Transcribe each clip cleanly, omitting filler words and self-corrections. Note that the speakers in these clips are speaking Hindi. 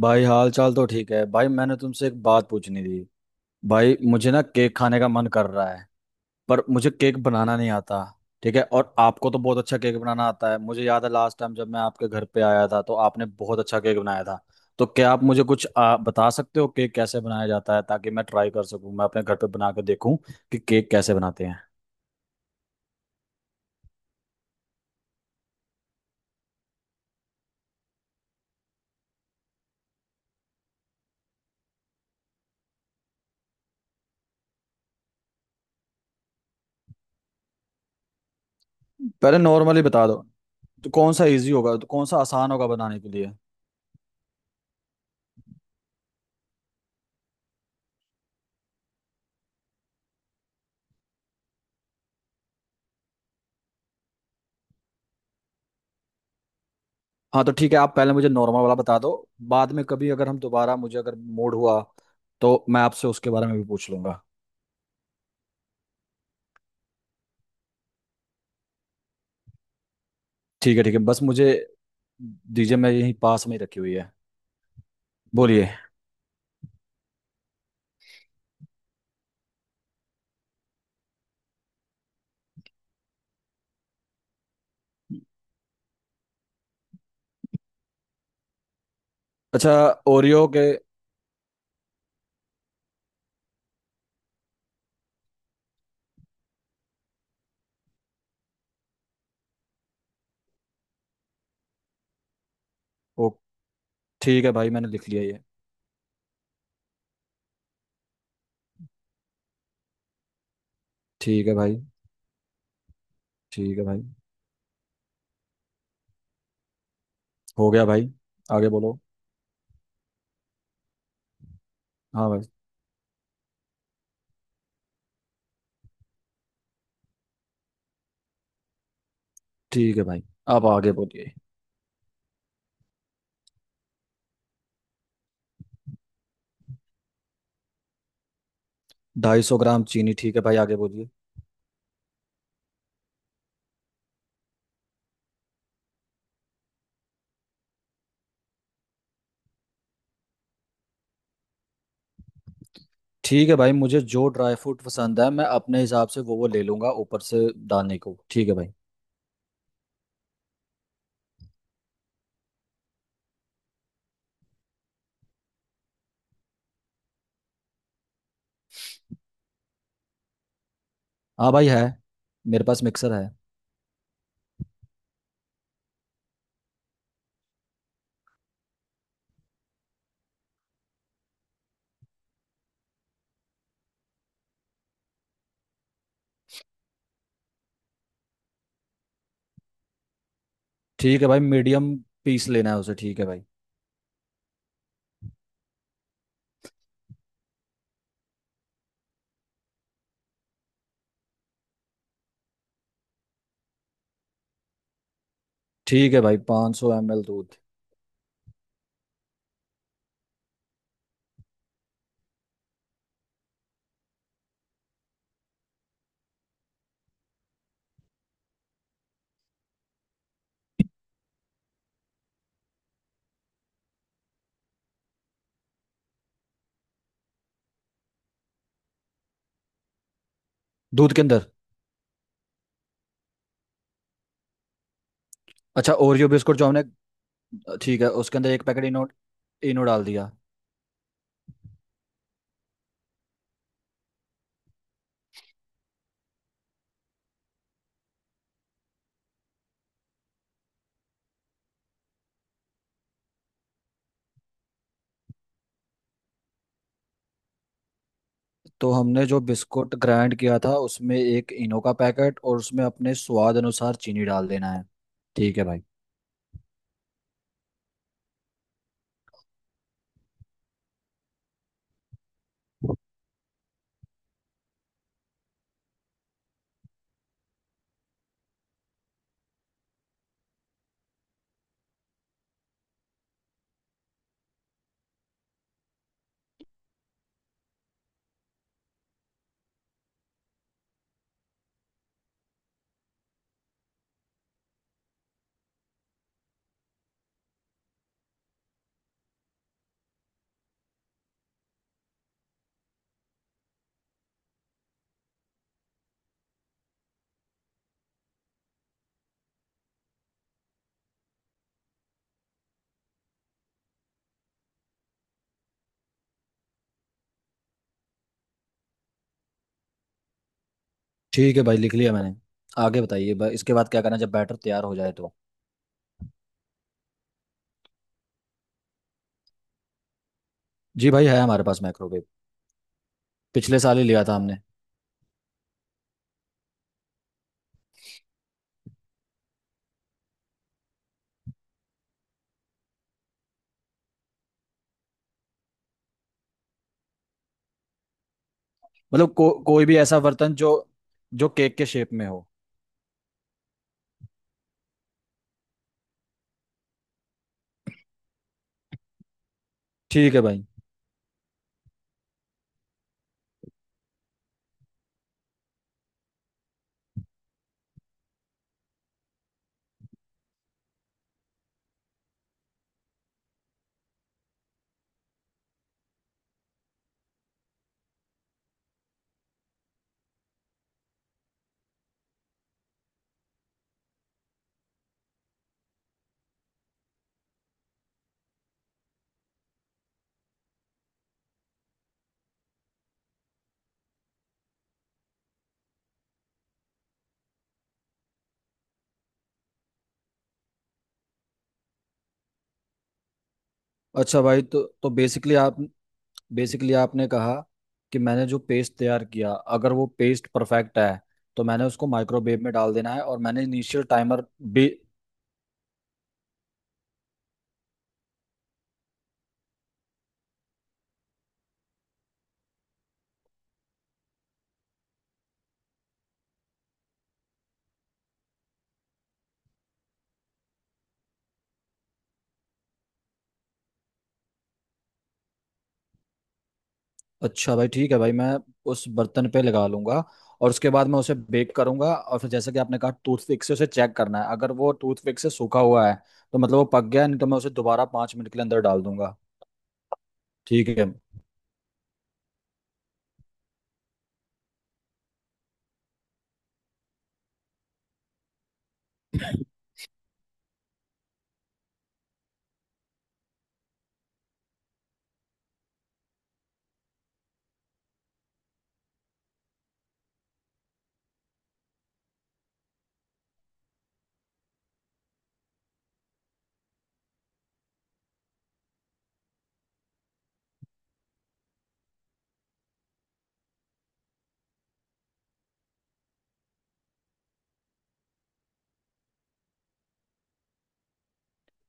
भाई हाल चाल तो ठीक है। भाई मैंने तुमसे एक बात पूछनी थी। भाई मुझे ना केक खाने का मन कर रहा है पर मुझे केक बनाना नहीं आता। ठीक है, और आपको तो बहुत अच्छा केक बनाना आता है। मुझे याद है लास्ट टाइम जब मैं आपके घर पे आया था तो आपने बहुत अच्छा केक बनाया था। तो क्या आप मुझे कुछ बता सकते हो केक कैसे बनाया जाता है, ताकि मैं ट्राई कर सकूं, मैं अपने घर पे बना के देखूं कि केक कैसे बनाते हैं। पहले नॉर्मली बता दो, तो कौन सा इजी होगा, तो कौन सा आसान होगा बनाने के लिए। हाँ तो ठीक है, आप पहले मुझे नॉर्मल वाला बता दो। बाद में कभी अगर हम दोबारा, मुझे अगर मूड हुआ तो मैं आपसे उसके बारे में भी पूछ लूंगा। ठीक है ठीक है, बस मुझे दीजिए, मैं यहीं पास में ही रखी हुई है। बोलिए। अच्छा, ओरियो के। ओ, ठीक है भाई, मैंने लिख लिया ये। ठीक है भाई। ठीक है भाई, हो गया भाई, आगे बोलो। हाँ भाई। ठीक है भाई, अब आगे बोलिए। 250 ग्राम चीनी, ठीक है भाई, आगे बोलिए। ठीक है भाई, मुझे जो ड्राई फ्रूट पसंद है मैं अपने हिसाब से वो ले लूंगा ऊपर से डालने को। ठीक है भाई। हाँ भाई है, मेरे पास मिक्सर है। ठीक है भाई, मीडियम पीस लेना है उसे, ठीक है भाई। ठीक है भाई, 500 सौ एम एल दूध। दूध के अंदर? अच्छा, ओरियो बिस्कुट जो हमने। ठीक है, उसके अंदर एक पैकेट इनो, इनो डाल दिया। तो हमने जो बिस्कुट ग्राइंड किया था उसमें एक इनो का पैकेट और उसमें अपने स्वाद अनुसार चीनी डाल देना है। ठीक है भाई। ठीक है भाई, लिख लिया मैंने। आगे बताइए भाई, इसके बाद क्या करना है जब बैटर तैयार हो जाए तो। जी भाई, है हमारे पास माइक्रोवेव। पिछले साल ही लिया था हमने। मतलब कोई भी ऐसा बर्तन जो, जो केक के शेप में हो। ठीक है भाई। अच्छा भाई, तो बेसिकली आप, बेसिकली आपने कहा कि मैंने जो पेस्ट तैयार किया, अगर वो पेस्ट परफेक्ट है तो मैंने उसको माइक्रोवेव में डाल देना है, और मैंने इनिशियल टाइमर भी। अच्छा भाई, ठीक है भाई, मैं उस बर्तन पे लगा लूंगा, और उसके बाद मैं उसे बेक करूंगा, और फिर जैसे कि आपने कहा टूथपिक से उसे चेक करना है। अगर वो टूथपिक से सूखा हुआ है तो मतलब वो पक गया है, नहीं तो मैं उसे दोबारा 5 मिनट के लिए अंदर डाल दूंगा। ठीक है।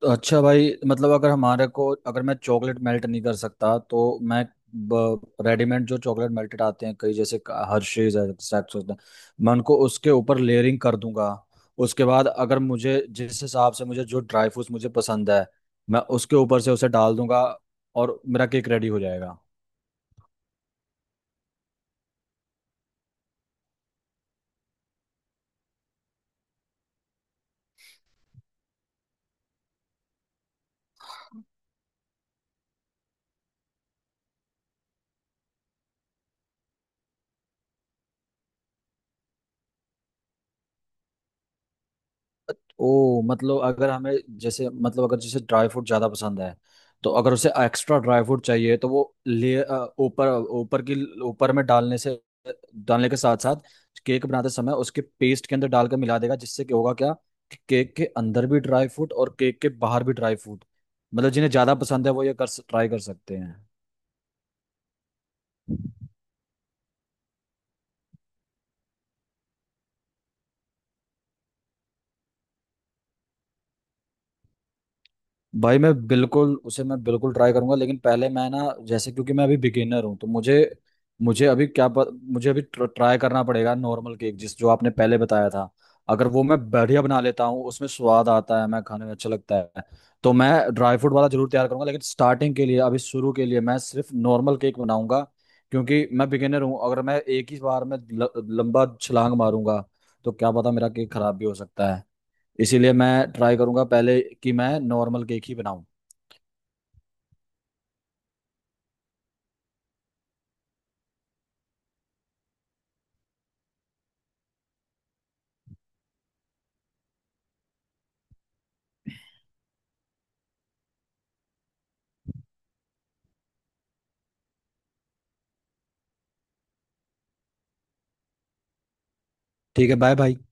तो अच्छा भाई, मतलब अगर हमारे को, अगर मैं चॉकलेट मेल्ट नहीं कर सकता तो मैं रेडीमेड जो चॉकलेट मेल्टेड आते हैं कई, जैसे हर्शीज है, Saxos है, मैं उनको उसके ऊपर लेयरिंग कर दूंगा। उसके बाद अगर मुझे, जिस हिसाब से मुझे जो ड्राई फ्रूट्स मुझे पसंद है, मैं उसके ऊपर से उसे डाल दूंगा और मेरा केक रेडी हो जाएगा। ओ मतलब, अगर हमें, जैसे मतलब अगर जैसे ड्राई फ्रूट ज्यादा पसंद है, तो अगर उसे एक्स्ट्रा ड्राई फ्रूट चाहिए तो वो ले ऊपर, ऊपर की, ऊपर में डालने से, डालने के साथ साथ केक बनाते समय उसके पेस्ट के अंदर डालकर मिला देगा, जिससे क्या होगा क्या कि केक के अंदर भी ड्राई फ्रूट और केक के बाहर भी ड्राई फ्रूट। मतलब जिन्हें ज्यादा पसंद है वो ये कर, ट्राई कर सकते हैं। भाई मैं बिल्कुल उसे, मैं बिल्कुल ट्राई करूंगा, लेकिन पहले मैं ना, जैसे क्योंकि मैं अभी बिगिनर हूँ तो मुझे मुझे अभी क्या मुझे अभी ट्राई करना पड़ेगा नॉर्मल केक, जिस जो आपने पहले बताया था। अगर वो मैं बढ़िया बना लेता हूँ, उसमें स्वाद आता है, मैं खाने में अच्छा लगता है, तो मैं ड्राई फ्रूट वाला जरूर तैयार करूंगा। लेकिन स्टार्टिंग के लिए, अभी शुरू के लिए मैं सिर्फ नॉर्मल केक बनाऊंगा, क्योंकि मैं बिगिनर हूँ। अगर मैं एक ही बार में लंबा छलांग मारूंगा तो क्या पता मेरा केक खराब भी हो सकता है। इसीलिए मैं ट्राई करूंगा पहले कि मैं नॉर्मल केक ही बनाऊं। ठीक है, बाय बाय।